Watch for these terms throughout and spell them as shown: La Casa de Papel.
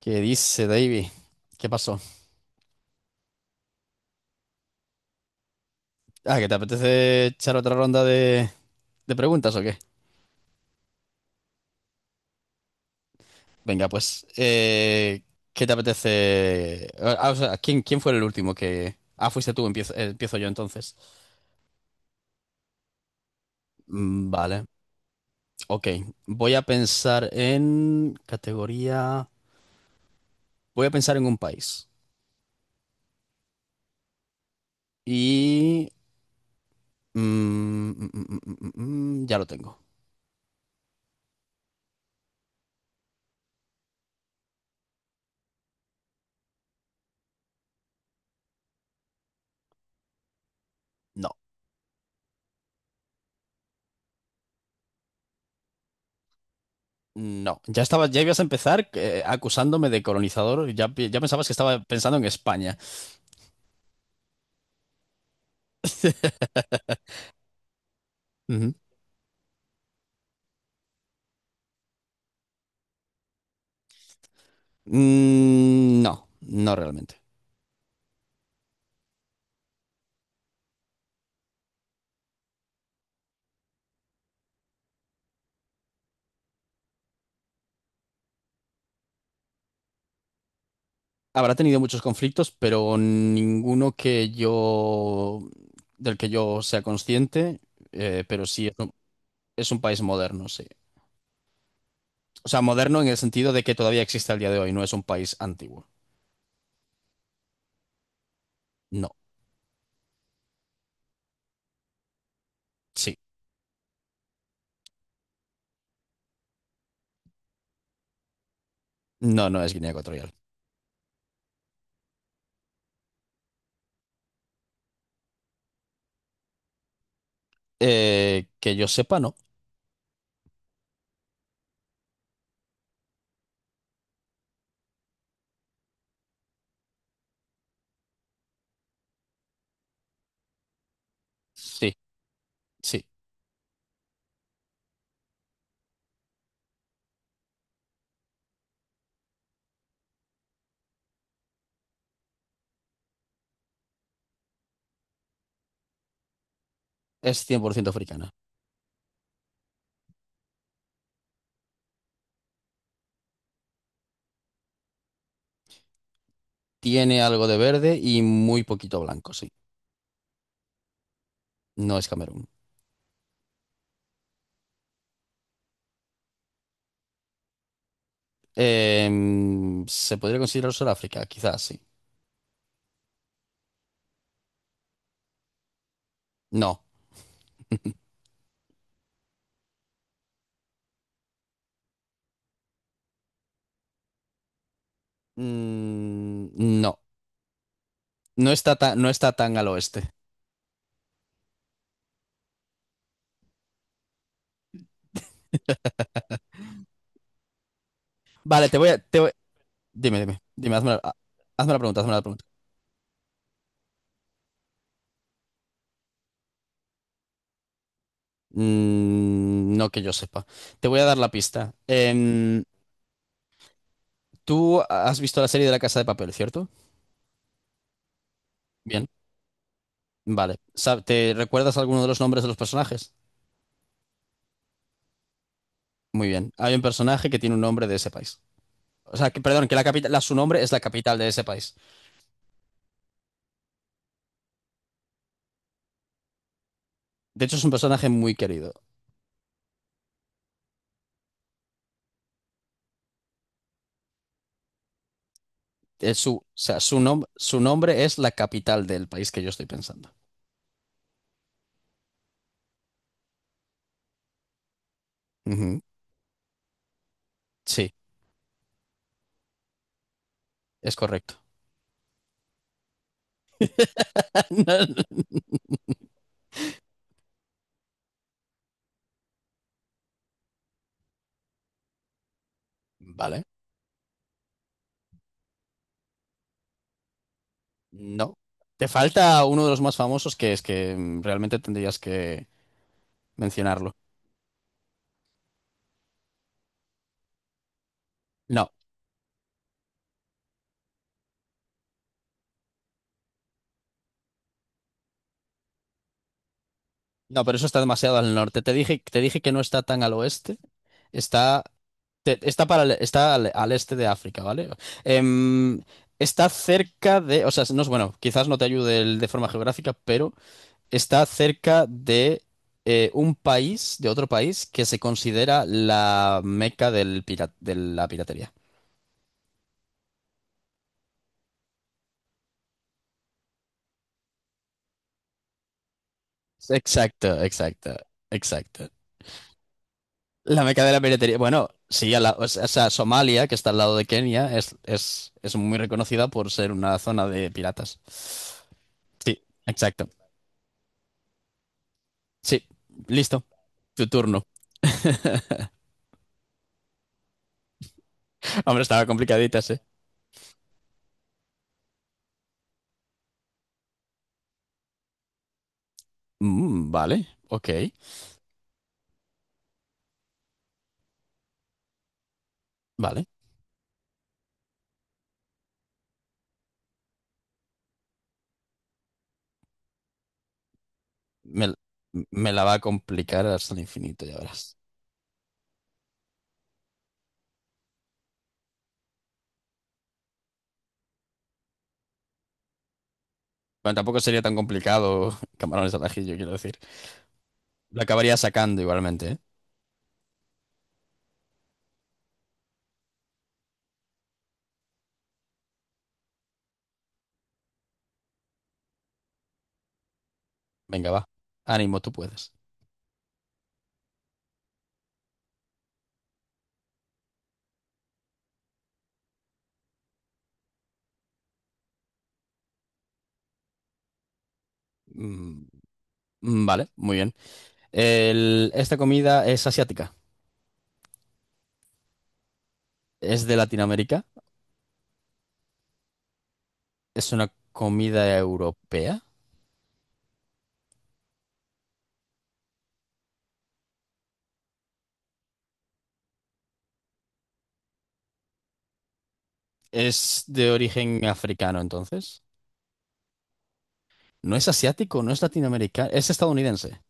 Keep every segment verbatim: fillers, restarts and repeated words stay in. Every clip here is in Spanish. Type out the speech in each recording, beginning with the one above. ¿Qué dice, David? ¿Qué pasó? Ah, ¿que te apetece echar otra ronda de, de preguntas o qué? Venga, pues, eh, ¿qué te apetece? Ah, o sea, ¿quién, quién fue el último que... Ah, fuiste tú, empiezo, eh, empiezo yo entonces. Mm, Vale, ok. Voy a pensar en categoría... Voy a pensar en un país. Y... mm, mm, mm, mm, mm, mm, mm, ya lo tengo. No, no. Ya estaba, ya ibas a empezar eh, acusándome de colonizador. Ya, pi- ya pensabas que estaba pensando en España. Ujú. Mm, no, no realmente. Habrá tenido muchos conflictos, pero ninguno que yo, del que yo sea consciente, eh, pero sí es un, es un país moderno, sí. O sea, moderno en el sentido de que todavía existe al día de hoy, no es un país antiguo. No, sí. No, no es Guinea Ecuatorial. Eh, que yo sepa, no. Sí, sí. Es cien por ciento africana. Tiene algo de verde y muy poquito blanco, sí. No es Camerún. Em, se podría considerar Sudáfrica, quizás, sí. No. Mm, no. No está tan, no está tan al oeste. Vale, te voy a... Te voy- Dime, dime. Dime, hazme la, ah, hazme la pregunta, hazme la pregunta. Mm, no que yo sepa. Te voy a dar la pista. Em, ¿tú has visto la serie de La Casa de Papel, cierto? Bien. Vale. Sab- ¿Te recuerdas alguno de los nombres de los personajes? Muy bien. Hay un personaje que tiene un nombre de ese país. O sea, que, perdón, que la capital, la, su nombre es la capital de ese país. De hecho, es un personaje muy querido. Es su, o sea, su, nom- su nombre es la capital del país que yo estoy pensando. Ujú. Sí, es correcto. Vale. No. Te falta uno de los más famosos, que es que mm, realmente tendrías que mencionarlo. No, no, pero eso está demasiado al norte. Te dije, te dije que no está tan al oeste. Está, te- está, para, el- Está al, al este de África, ¿vale? Em, Está cerca de, o sea, no es bueno, quizás no te ayude el- de forma geográfica, pero está cerca de eh, un país, de otro país que se considera la meca del pira- de la piratería. Exacto, exacto, exacto. La meca de la piratería. Bueno, sí, a la- o sea, o sea, Somalia, que está al lado de Kenia, es, es, es muy reconocida por ser una zona de piratas. Sí, exacto. Sí, listo. Tu turno. Hombre, estaba complicadita, sí. Mm, vale, ok, vale. Me, me la va a complicar hasta el infinito, ya verás. Bueno, tampoco sería tan complicado camarones al ajillo, quiero decir. Lo acabaría sacando igualmente, ¿eh? Venga, va. Ánimo, tú puedes. Mm, mm, vale, muy bien. El- esta comida es asiática. Es de Latinoamérica. Es una comida europea. Es de origen africano, entonces. No es asiático, no es latinoamericano. Es estadounidense.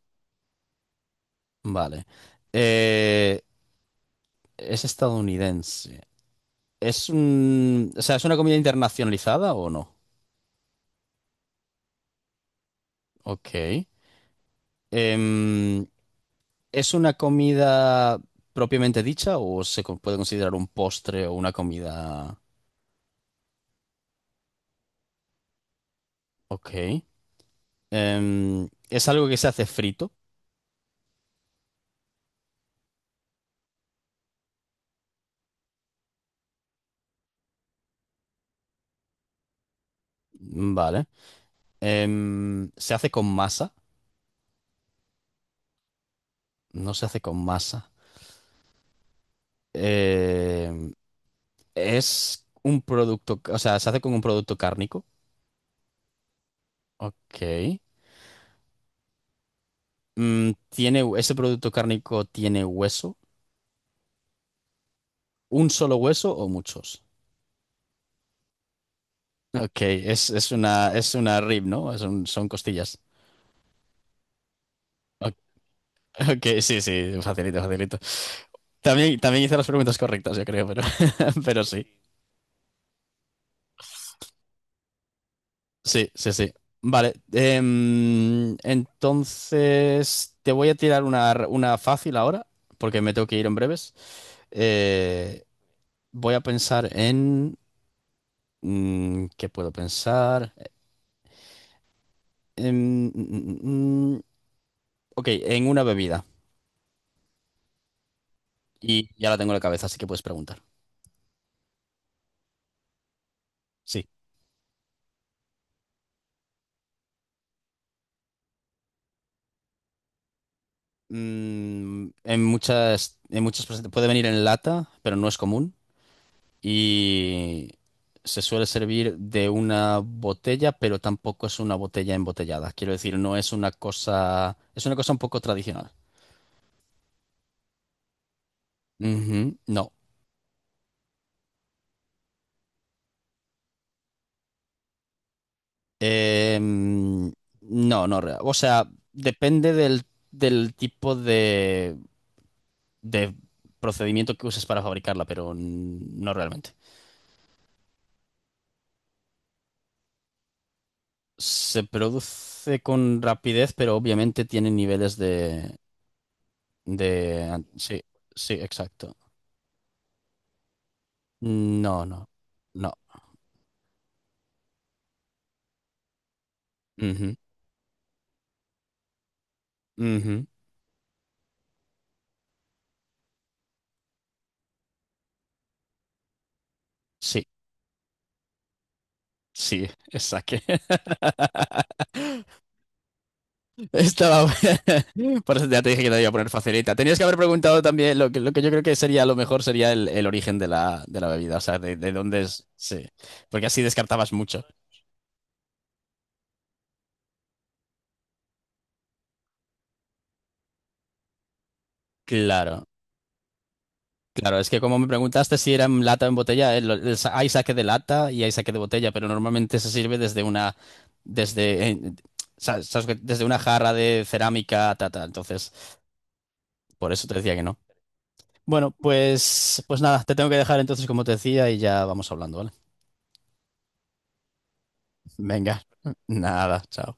Vale. Eh, es estadounidense. Es un... O sea, ¿es una comida internacionalizada o no? Ok. Em, ¿es una comida propiamente dicha o se con- puede considerar un postre o una comida? Ok. Em, ¿es algo que se hace frito? Vale. Em, ¿se hace con masa? No se hace con masa. Em, ¿es un producto, o sea, se hace con un producto cárnico? Ok. Mm, ¿tiene, ese producto cárnico tiene hueso? ¿Un solo hueso o muchos? Ok, es, es una, es una rib, ¿no? Es un- son costillas. Ok, sí, sí, facilito, facilito. También, también hice las preguntas correctas, yo creo, pero, pero sí, sí, sí, sí. Vale, em, entonces te voy a tirar una, r- una fácil ahora, porque me tengo que ir en breves. Eh, voy a pensar en... mm, ¿qué puedo pensar? En, mm, mm, mm, mm. ok, en una bebida. Y ya la tengo en la cabeza, así que puedes preguntar. Sí. Mm, en muchas, en muchas presentaciones. Puede venir en lata, pero no es común. Y se suele servir de una botella, pero tampoco es una botella embotellada. Quiero decir, no es una cosa, es una cosa un poco tradicional. Ujú, no. Em, no, no. re- O sea, depende del, del tipo de, de procedimiento que uses para fabricarla, pero n- no realmente. Se produce con rapidez, pero obviamente tiene niveles de, de... Sí, sí, exacto. No, no, no. Ujú, ujú. Sí, sí, exacto. Estaba bueno. Por eso ya te dije que te iba a poner facilita. Tenías que haber preguntado también lo que, lo que yo creo que sería lo mejor sería el, el origen de la, de la bebida, o sea, de, de dónde es. Sí, porque así descartabas mucho. Claro, claro, es que como me preguntaste si era en lata o en botella, el- el sa- hay saque de lata y hay saque de botella, pero normalmente se sirve desde una, desde, eh, sa- sabes que- desde una jarra de cerámica, ta, ta. Entonces, por eso te decía que no. Bueno, pues, pues nada, te tengo que dejar entonces, como te decía, y ya vamos hablando, ¿vale? Venga, nada, chao.